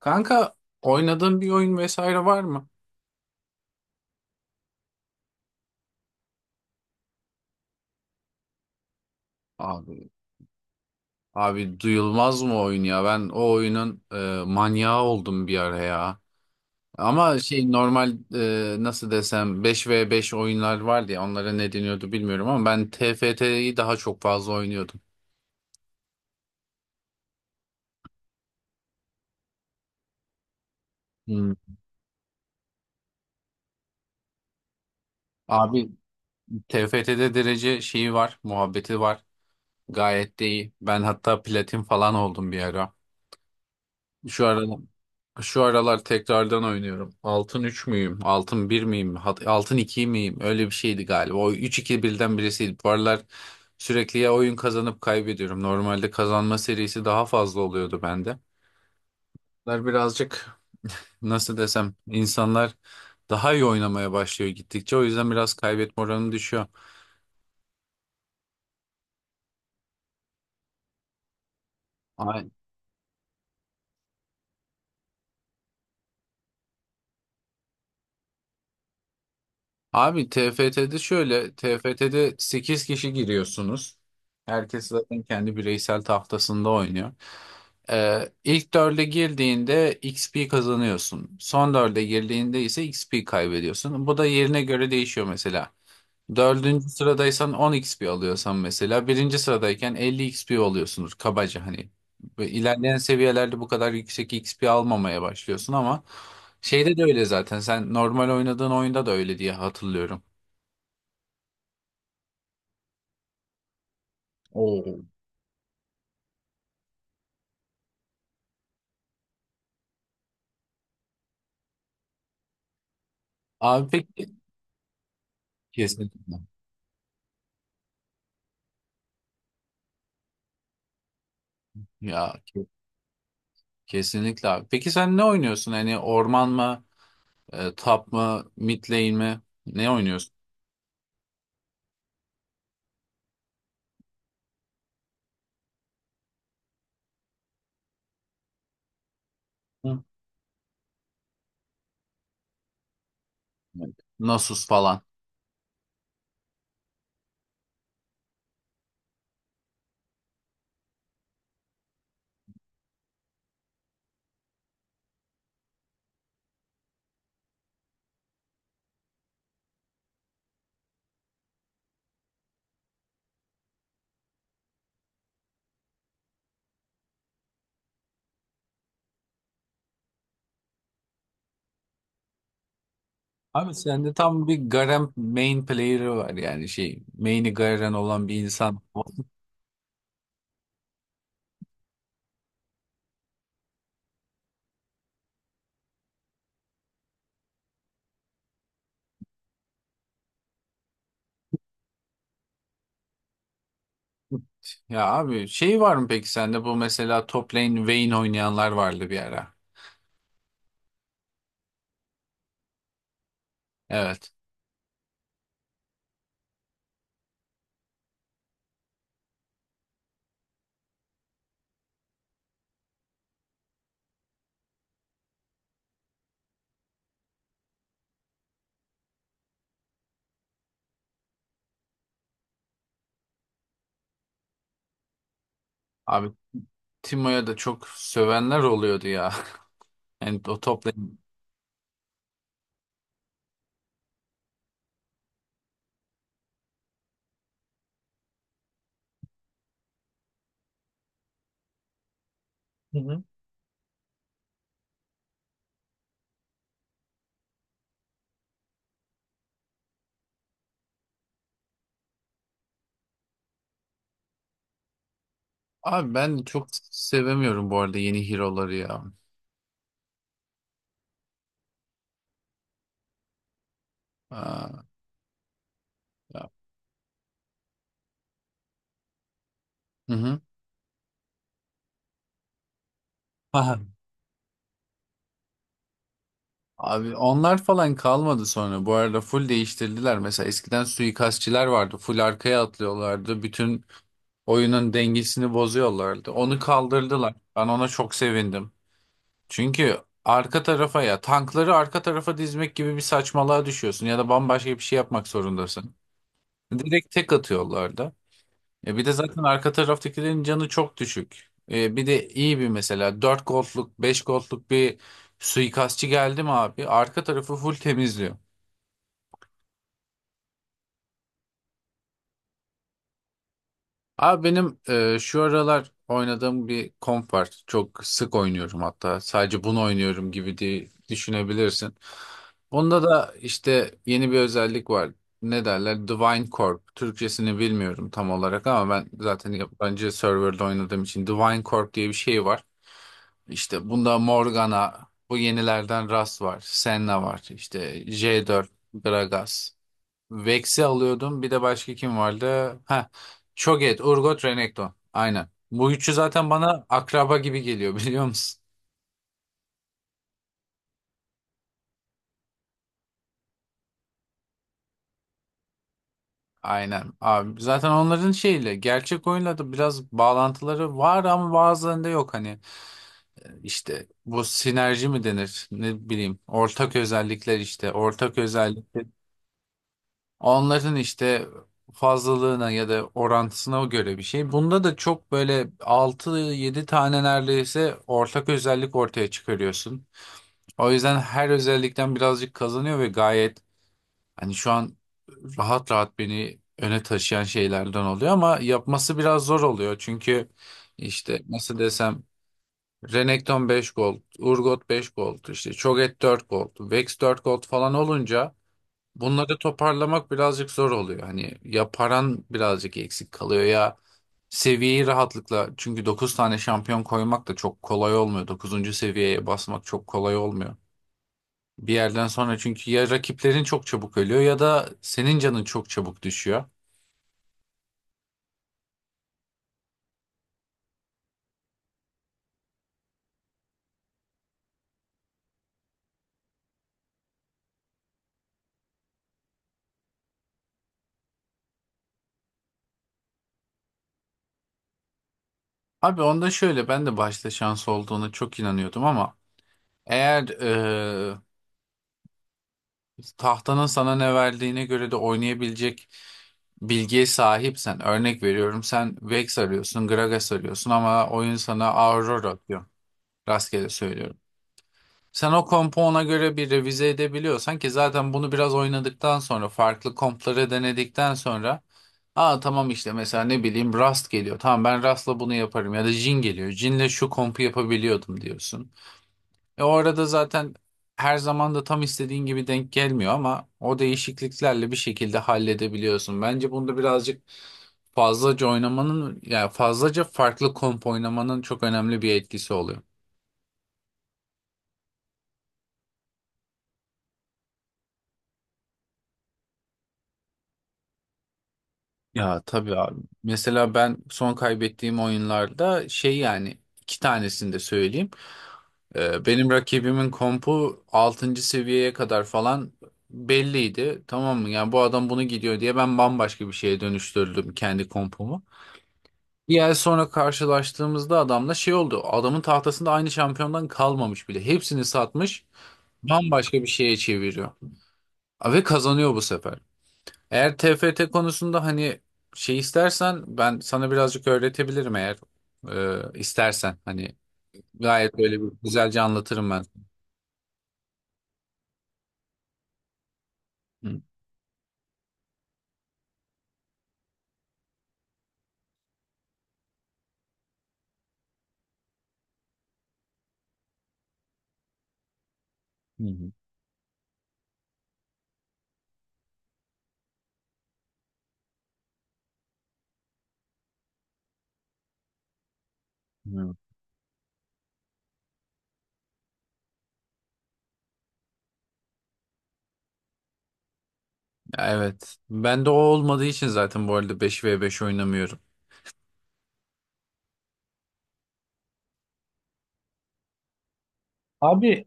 Kanka oynadığın bir oyun vesaire var mı? Abi abi duyulmaz mı oyun ya? Ben o oyunun manyağı oldum bir ara ya. Ama şey normal nasıl desem beş ve beş oyunlar vardı ya onlara ne deniyordu bilmiyorum ama ben T F T'yi daha çok fazla oynuyordum. Hmm. Abi T F T'de derece şeyi var, muhabbeti var. Gayet de iyi. Ben hatta platin falan oldum bir ara. Şu aralar, şu aralar tekrardan oynuyorum. Altın 3 müyüm? Altın bir miyim? Altın 2 miyim? Öyle bir şeydi galiba. O üç iki birden birisiydi. Bu aralar sürekli ya oyun kazanıp kaybediyorum. Normalde kazanma serisi daha fazla oluyordu bende. Bunlar birazcık nasıl desem insanlar daha iyi oynamaya başlıyor gittikçe. O yüzden biraz kaybetme oranı düşüyor. Abi T F T'de şöyle, T F T'de 8 kişi giriyorsunuz. Herkes zaten kendi bireysel tahtasında oynuyor. İlk 4'e girdiğinde X P kazanıyorsun. Son 4'e girdiğinde ise X P kaybediyorsun. Bu da yerine göre değişiyor mesela. Dördüncü sıradaysan 10 XP alıyorsan mesela birinci sıradayken 50 XP alıyorsunuz kabaca hani. Ve ilerleyen seviyelerde bu kadar yüksek XP almamaya başlıyorsun ama şeyde de öyle zaten sen normal oynadığın oyunda da öyle diye hatırlıyorum. Oo. Abi peki kesinlikle ya kesinlikle abi. Peki sen ne oynuyorsun hani orman mı, top mı, mid lane mi? Ne oynuyorsun? Hı. Nasus falan. Abi sende tam bir Garen main player'ı var yani şey main'i Garen olan bir insan. Ya abi şey var mı peki sende bu mesela top lane Vayne oynayanlar vardı bir ara. Evet. Abi Timo'ya da çok sövenler oluyordu ya. Yani o top lane. Hı hı. Abi ben çok sevemiyorum bu arada yeni hero'ları ya. Aa, ya. Hı hı. Aha. Abi onlar falan kalmadı sonra. Bu arada full değiştirdiler. Mesela eskiden suikastçiler vardı. Full arkaya atlıyorlardı. Bütün oyunun dengesini bozuyorlardı. Onu kaldırdılar. Ben ona çok sevindim. Çünkü arka tarafa ya tankları arka tarafa dizmek gibi bir saçmalığa düşüyorsun ya da bambaşka bir şey yapmak zorundasın. Direkt tek atıyorlardı. E bir de zaten arka taraftakilerin canı çok düşük. E bir de iyi bir mesela 4 gold'luk 5 gold'luk bir suikastçı geldi mi abi arka tarafı full temizliyor. Abi benim şu aralar oynadığım bir komp var. Çok sık oynuyorum hatta. Sadece bunu oynuyorum gibi diye düşünebilirsin. Onda da işte yeni bir özellik var. Ne derler? Divine Corp. Türkçesini bilmiyorum tam olarak ama ben zaten yabancı serverda oynadığım için Divine Corp diye bir şey var. İşte bunda Morgana, bu yenilerden Ras var, Senna var, işte J4, Gragas. Vex'i alıyordum. Bir de başka kim vardı? Ha, Cho'Gath, Urgot, Renekton. Aynen. Bu üçü zaten bana akraba gibi geliyor biliyor musun? Aynen abi. Zaten onların şeyle gerçek oyunla da biraz bağlantıları var ama bazılarında yok hani. İşte bu sinerji mi denir ne bileyim ortak özellikler işte ortak özellik, onların işte fazlalığına ya da orantısına göre bir şey. Bunda da çok böyle altı yedi tane neredeyse ortak özellik ortaya çıkarıyorsun. O yüzden her özellikten birazcık kazanıyor ve gayet hani şu an rahat rahat beni öne taşıyan şeylerden oluyor ama yapması biraz zor oluyor. Çünkü işte nasıl desem Renekton 5 gold, Urgot 5 gold, işte Cho'Gath 4 gold, Vex 4 gold falan olunca bunları toparlamak birazcık zor oluyor. Hani ya paran birazcık eksik kalıyor ya seviyeyi rahatlıkla çünkü 9 tane şampiyon koymak da çok kolay olmuyor. Dokuzuncu seviyeye basmak çok kolay olmuyor. Bir yerden sonra çünkü ya rakiplerin çok çabuk ölüyor ya da senin canın çok çabuk düşüyor. Abi onda şöyle ben de başta şans olduğuna çok inanıyordum ama eğer tahtanın sana ne verdiğine göre de oynayabilecek bilgiye sahipsen, örnek veriyorum sen Vex arıyorsun, Gragas arıyorsun ama oyun sana Aurora atıyor. Rastgele söylüyorum. Sen o kompu ona göre bir revize edebiliyorsan ki zaten bunu biraz oynadıktan sonra farklı kompları denedikten sonra, aa tamam işte mesela ne bileyim Rust geliyor. Tamam ben Rust'la bunu yaparım ya da Jin geliyor. Jin'le şu kompu yapabiliyordum diyorsun. E o arada zaten her zaman da tam istediğin gibi denk gelmiyor ama o değişikliklerle bir şekilde halledebiliyorsun. Bence bunda birazcık fazlaca oynamanın yani fazlaca farklı komp oynamanın çok önemli bir etkisi oluyor. Ya tabii abi. Mesela ben son kaybettiğim oyunlarda şey yani iki tanesini de söyleyeyim. Benim rakibimin kompu altıncı seviyeye kadar falan belliydi. Tamam mı? Yani bu adam bunu gidiyor diye ben bambaşka bir şeye dönüştürdüm kendi kompumu. Bir ay sonra karşılaştığımızda adamla şey oldu. Adamın tahtasında aynı şampiyondan kalmamış bile. Hepsini satmış, bambaşka bir şeye çeviriyor. Ve kazanıyor bu sefer. Eğer T F T konusunda hani şey istersen ben sana birazcık öğretebilirim eğer istersen. Hani gayet böyle bir güzelce anlatırım ben. Hı, hı, hı. Evet. Ben de o olmadığı için zaten bu arada beş ve beş oynamıyorum. Abi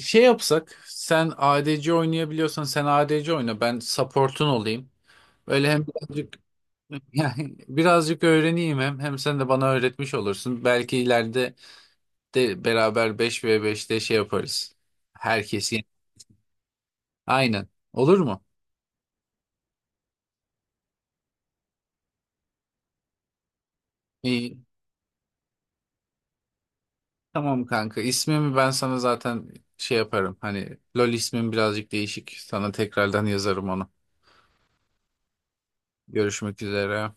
şey yapsak, sen ADC oynayabiliyorsan sen ADC oyna, ben support'un olayım. Öyle hem birazcık yani birazcık öğreneyim hem sen de bana öğretmiş olursun. Belki ileride de beraber beş ve beşte şey yaparız. Herkesi. Aynen. Olur mu? İyi. Tamam kanka. İsmimi ben sana zaten şey yaparım. Hani LoL ismim birazcık değişik. Sana tekrardan yazarım onu. Görüşmek üzere.